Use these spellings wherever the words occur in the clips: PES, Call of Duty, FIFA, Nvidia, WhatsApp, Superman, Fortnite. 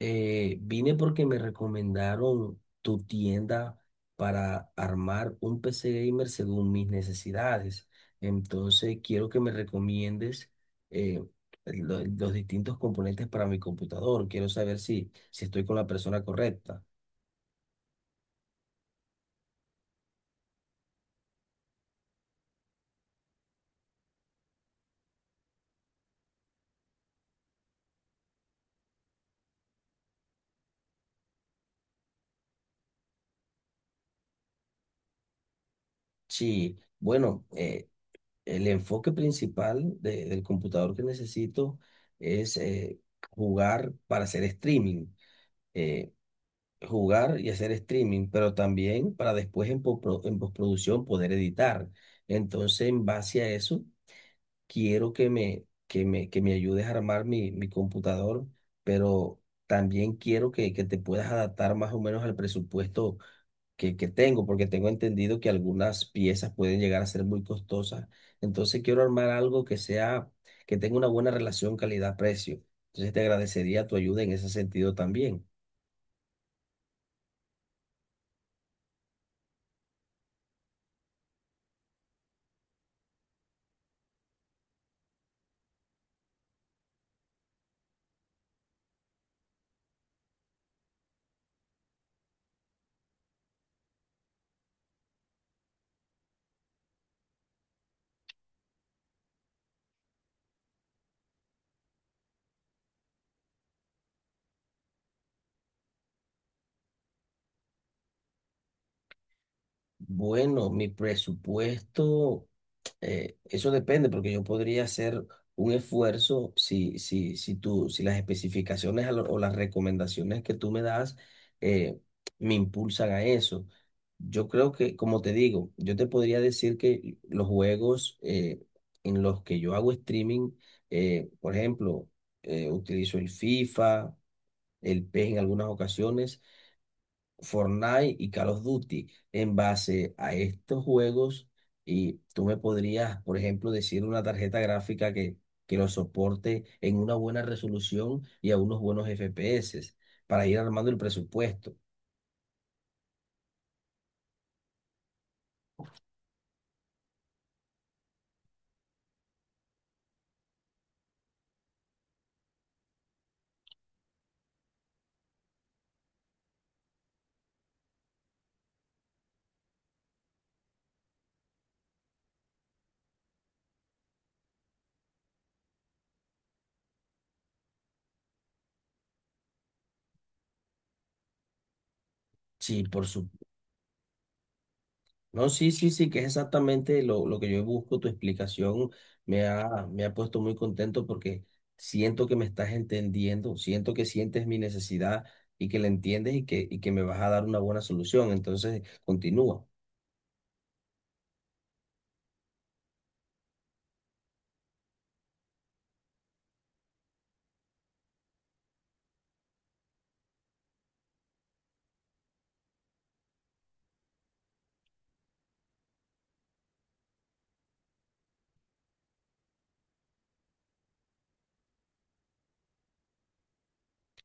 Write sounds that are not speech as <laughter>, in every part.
Vine porque me recomendaron tu tienda para armar un PC gamer según mis necesidades. Entonces, quiero que me recomiendes eh, los distintos componentes para mi computador. Quiero saber si estoy con la persona correcta. Sí, bueno, el enfoque principal del computador que necesito es jugar para hacer streaming. Eh, Jugar y hacer streaming, pero también para después en postproducción poder editar. Entonces, en base a eso, quiero que me ayudes a armar mi computador, pero también quiero que te puedas adaptar más o menos al presupuesto que tengo, porque tengo entendido que algunas piezas pueden llegar a ser muy costosas. Entonces, quiero armar algo que sea, que tenga una buena relación calidad-precio. Entonces, te agradecería tu ayuda en ese sentido también. Bueno, mi presupuesto, eso depende, porque yo podría hacer un esfuerzo si tú, si las especificaciones a lo- o las recomendaciones que tú me das eh, me impulsan a eso. Yo creo que, como te digo, yo te podría decir que los juegos en los que yo hago streaming, por ejemplo, utilizo el FIFA, el PES en algunas ocasiones. Fortnite y Call of Duty. En base a estos juegos, y tú me podrías, por ejemplo, decir una tarjeta gráfica que lo soporte en una buena resolución y a unos buenos FPS para ir armando el presupuesto. Sí, por su... No, sí, sí, sí, que es exactamente lo que yo busco. Tu explicación me ha puesto muy contento porque siento que me estás entendiendo, siento que sientes mi necesidad y que la entiendes y que me vas a dar una buena solución. Entonces, continúa.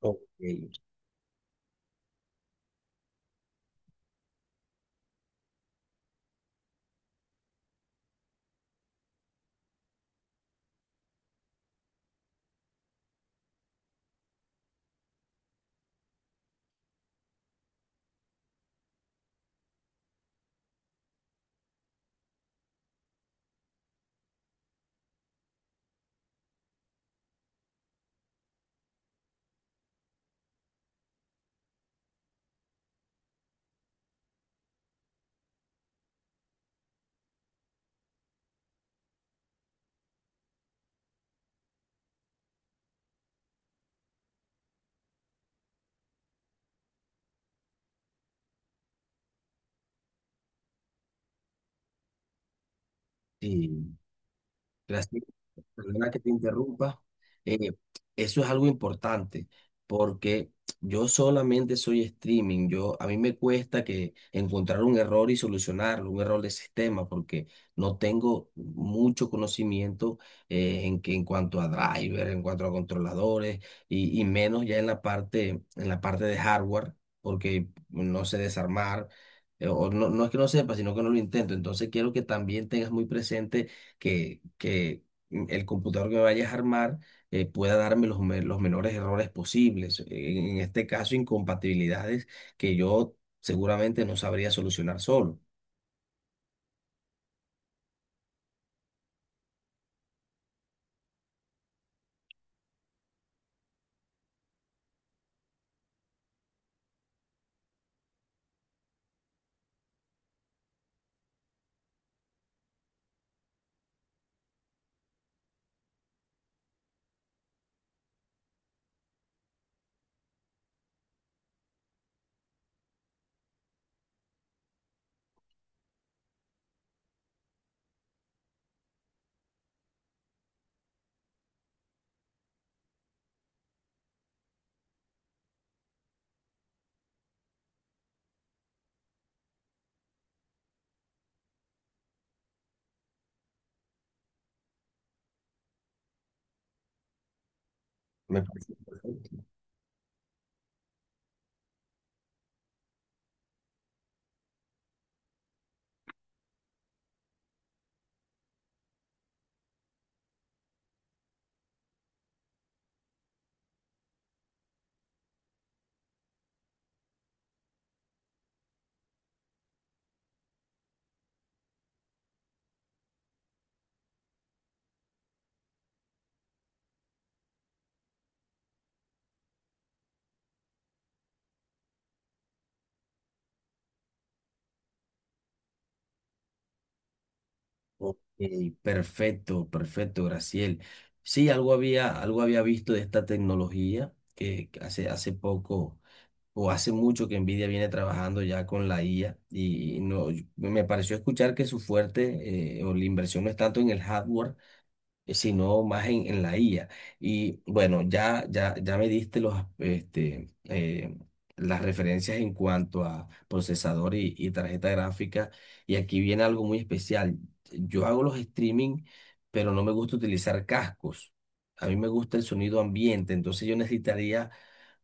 Ok, sí. Gracias, perdona que te interrumpa. Eh, Eso es algo importante porque yo solamente soy streaming. Yo, a mí me cuesta que encontrar un error y solucionarlo, un error de sistema, porque no tengo mucho conocimiento en cuanto a driver, en cuanto a controladores y menos ya en la parte de hardware, porque no sé desarmar. O no, no es que no sepa, sino que no lo intento. Entonces quiero que también tengas muy presente que el computador que vayas a armar pueda darme los menores errores posibles. En este caso, incompatibilidades que yo seguramente no sabría solucionar solo. Me parece perfecto. Ok, perfecto, perfecto, Graciel. Sí, algo había visto de esta tecnología hace poco o hace mucho que Nvidia viene trabajando ya con la IA y no, yo- me pareció escuchar que su fuerte o la inversión no es tanto en el hardware, sino más en la IA. Y bueno, ya me diste las referencias en cuanto a procesador y tarjeta gráfica. Y aquí viene algo muy especial. Yo hago los streaming, pero no me gusta utilizar cascos. A mí me gusta el sonido ambiente, entonces yo necesitaría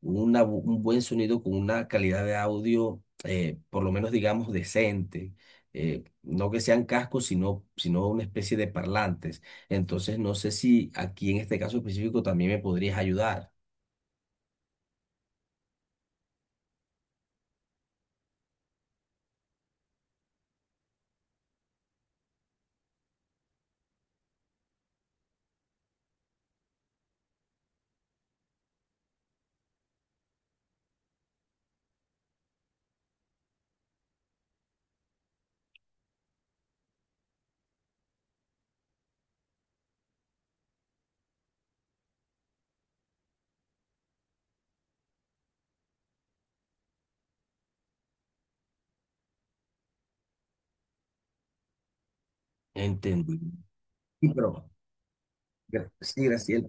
un buen sonido con una calidad de audio, por lo menos digamos decente, no que sean cascos, sino una especie de parlantes. Entonces, no sé si aquí en este caso específico también me podrías ayudar. Entendí. Sí, <laughs> pero sí, Graciela.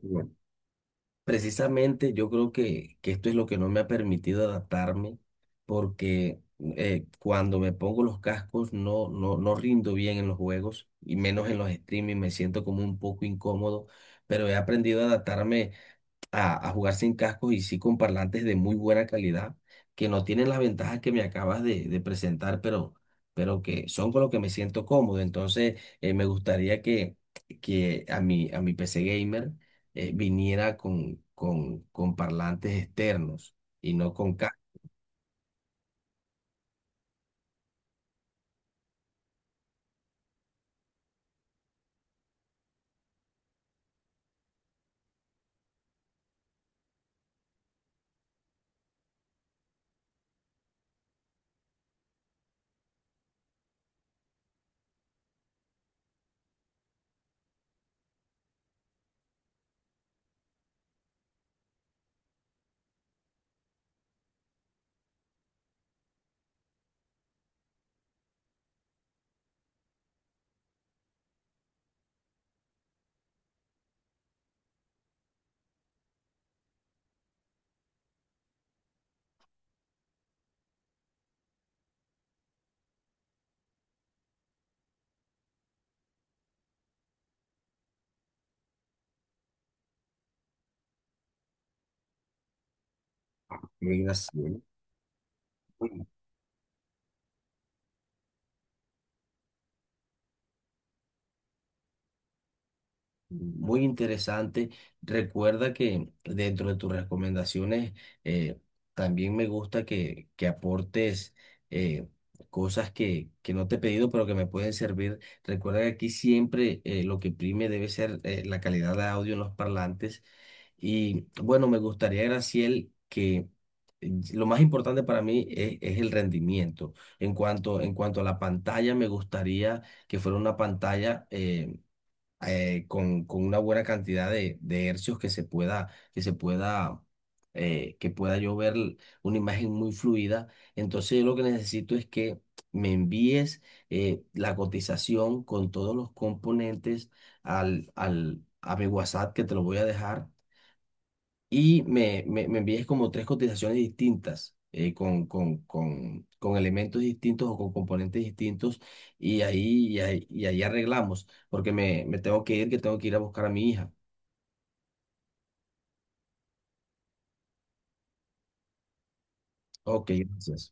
Precisamente yo creo que esto es lo que no me ha permitido adaptarme porque cuando me pongo los cascos no rindo bien en los juegos y menos en los streaming, me siento como un poco incómodo, pero he aprendido a adaptarme a jugar sin cascos y sí con parlantes de muy buena calidad, que no tienen las ventajas que me acabas de presentar, pero que son con lo que me siento cómodo. Entonces, me gustaría que a mi PC gamer viniera con parlantes externos y no con cascos. Muy interesante. Recuerda que dentro de tus recomendaciones eh, también me gusta que aportes eh, cosas que no te he pedido pero que me pueden servir. Recuerda que aquí siempre lo que prime debe ser la calidad de audio en los parlantes. Y bueno, me gustaría, Graciel, que lo más importante para mí es el rendimiento. En cuanto a la pantalla, me gustaría que fuera una pantalla con una buena cantidad de hercios que se pueda, que pueda yo una imagen muy fluida. Entonces yo lo que necesito es que me envíes la cotización con todos los componentes a mi WhatsApp que te lo voy a dejar y me envíes como 3 cotizaciones distintas, con elementos distintos o con componentes distintos, y ahí arreglamos, porque me tengo que ir, que tengo que ir a buscar a mi hija. Ok, gracias.